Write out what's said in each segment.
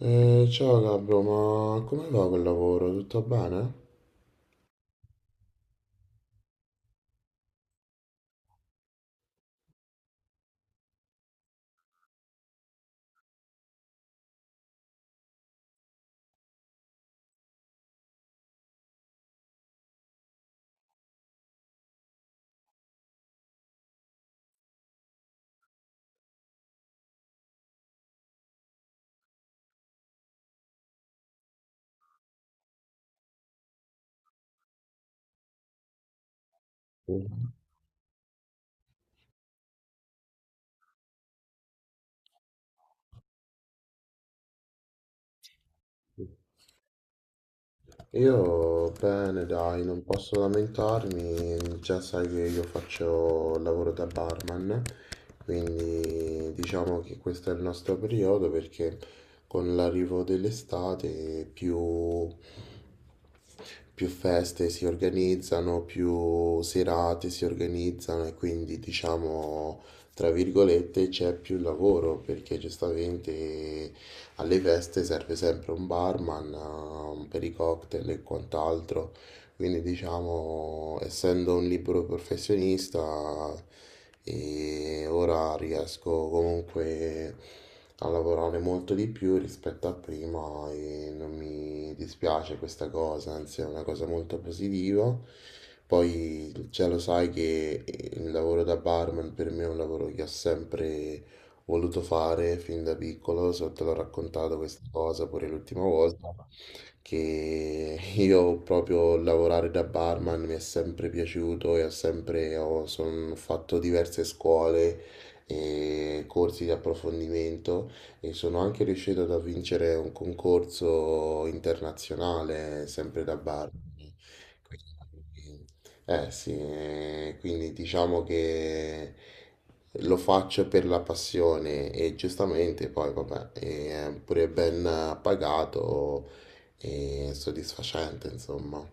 Ciao Gabro, ma come va col lavoro? Tutto bene? Io bene, dai, non posso lamentarmi, già sai che io faccio il lavoro da barman, quindi diciamo che questo è il nostro periodo perché con l'arrivo dell'estate più feste si organizzano, più serate si organizzano e quindi diciamo, tra virgolette, c'è più lavoro perché giustamente alle feste serve sempre un barman, per i cocktail e quant'altro. Quindi diciamo, essendo un libero professionista, e ora riesco comunque a lavorare molto di più rispetto a prima e non mi dispiace questa cosa, anzi è una cosa molto positiva. Poi già lo sai che il lavoro da barman per me è un lavoro che ho sempre voluto fare fin da piccolo, so, te l'ho raccontato questa cosa pure l'ultima volta che io proprio lavorare da barman mi è sempre piaciuto e ho son fatto diverse scuole e corsi di approfondimento e sono anche riuscito a vincere un concorso internazionale sempre da barman. Quindi, eh sì, quindi diciamo che lo faccio per la passione e giustamente poi vabbè, è pure ben pagato e soddisfacente, insomma.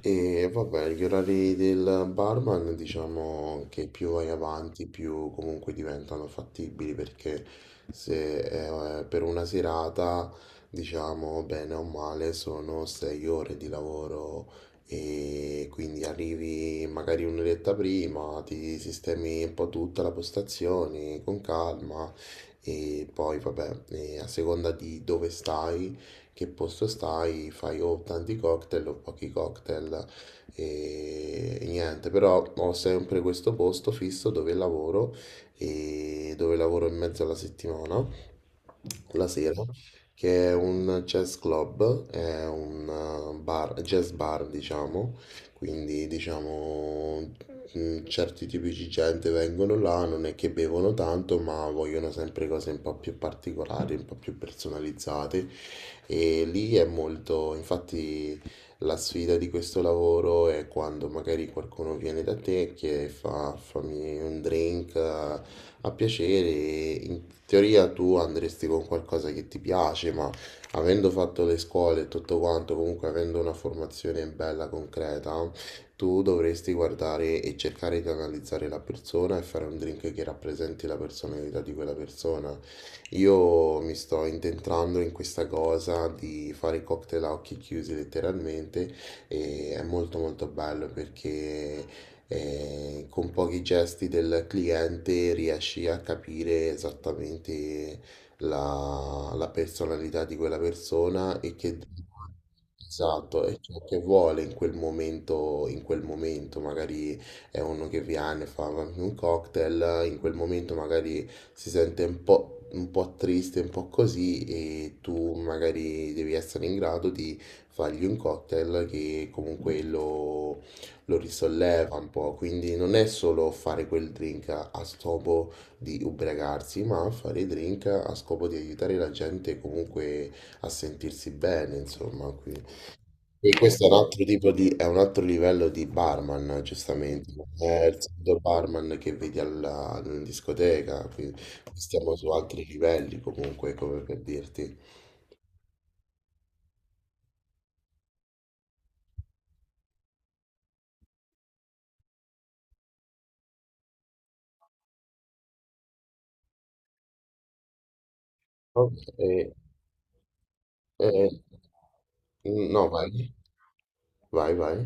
E vabbè, gli orari del barman diciamo che più vai avanti, più comunque diventano fattibili perché se per una serata, diciamo bene o male, sono 6 ore di lavoro e quindi arrivi magari un'oretta prima, ti sistemi un po' tutta la postazione con calma. E poi, vabbè, a seconda di dove stai, che posto stai, fai o tanti cocktail o pochi cocktail e niente, però ho sempre questo posto fisso dove lavoro e dove lavoro in mezzo alla settimana, la sera. Mhm. Che è un jazz club, è un bar, jazz bar diciamo, quindi diciamo certi tipi di gente vengono là, non è che bevono tanto, ma vogliono sempre cose un po' più particolari, un po' più personalizzate. E lì è molto, infatti, la sfida di questo lavoro è quando magari qualcuno viene da te e chiede fammi un drink a piacere. In teoria tu andresti con qualcosa che ti piace, ma avendo fatto le scuole e tutto quanto, comunque avendo una formazione bella concreta, tu dovresti guardare e cercare di analizzare la persona e fare un drink che rappresenti la personalità di quella persona. Io mi sto intentrando in questa cosa di fare cocktail a occhi chiusi letteralmente e è molto molto bello perché con pochi gesti del cliente riesci a capire esattamente la personalità di quella persona e che esatto, è ciò che vuole in quel momento magari è uno che viene, fa un cocktail, in quel momento magari si sente un po' triste, un po' così e tu magari devi essere in grado di fargli un cocktail che comunque lo risolleva un po', quindi non è solo fare quel drink a scopo di ubriacarsi, ma fare drink a scopo di aiutare la gente comunque a sentirsi bene, insomma, quindi... E questo è un altro tipo di, è un altro livello di barman, giustamente. Non è il solito barman che vedi alla discoteca, quindi stiamo su altri livelli comunque, come per dirti. Ok, eh, no, vai, vai, vai.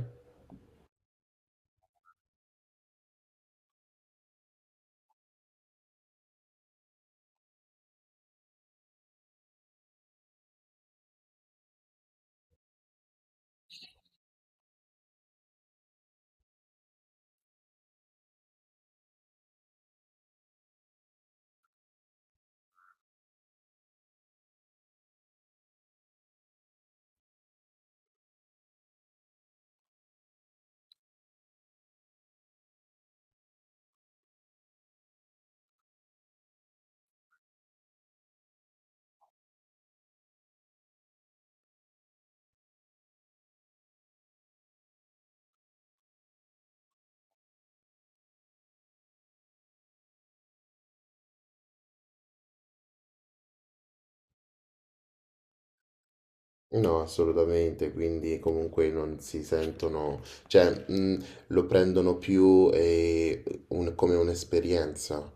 No, assolutamente, quindi comunque non si sentono, cioè, lo prendono più un- come un'esperienza.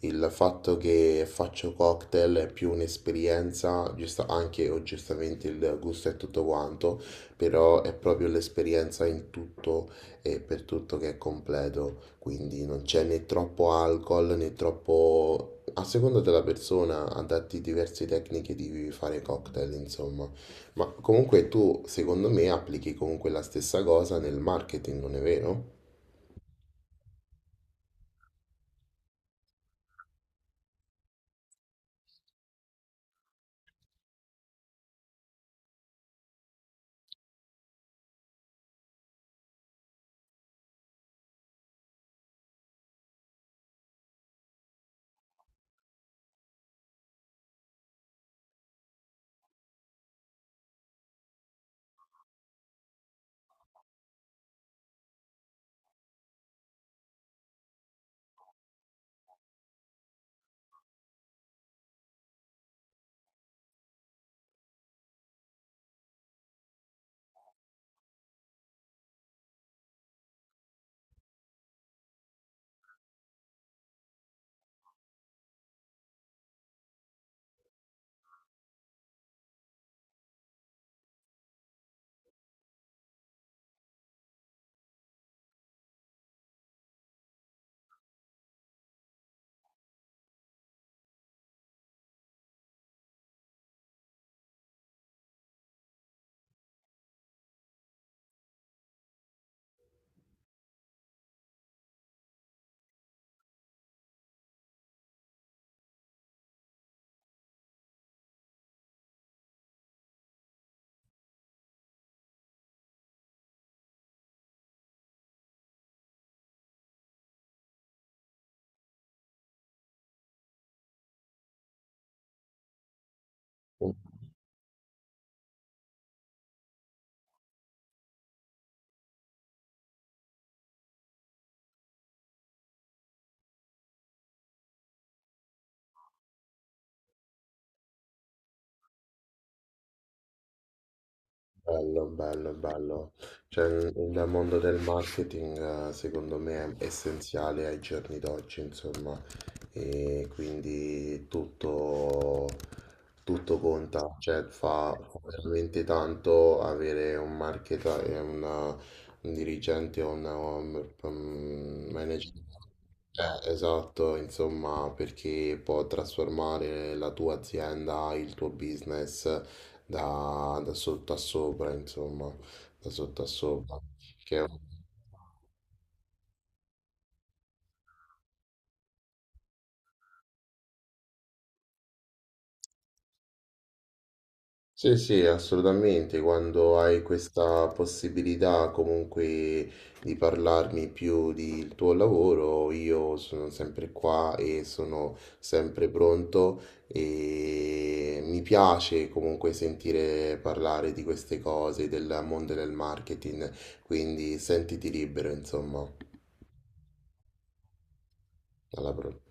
Il fatto che faccio cocktail è più un'esperienza, giusta- anche o giustamente il gusto è tutto quanto, però è proprio l'esperienza in tutto e per tutto che è completo, quindi non c'è né troppo alcol né troppo... A seconda della persona, adatti diverse tecniche di fare cocktail, insomma. Ma comunque tu, secondo me, applichi comunque la stessa cosa nel marketing, non è vero? Bello, bello, bello. Cioè, il mondo del marketing, secondo me, è essenziale ai giorni d'oggi, insomma, e quindi tutto, tutto conta, cioè fa, fa veramente tanto avere un marketer e una- un dirigente o una- un manager. Esatto, insomma, perché può trasformare la tua azienda, il tuo business da sotto a sopra, insomma, da sotto a sopra. Che... Sì, sì, assolutamente, quando hai questa possibilità comunque di parlarmi più del tuo lavoro, io sono sempre qua e sono sempre pronto e mi piace comunque sentire parlare di queste cose, del mondo del marketing, quindi sentiti libero, insomma, alla prossima.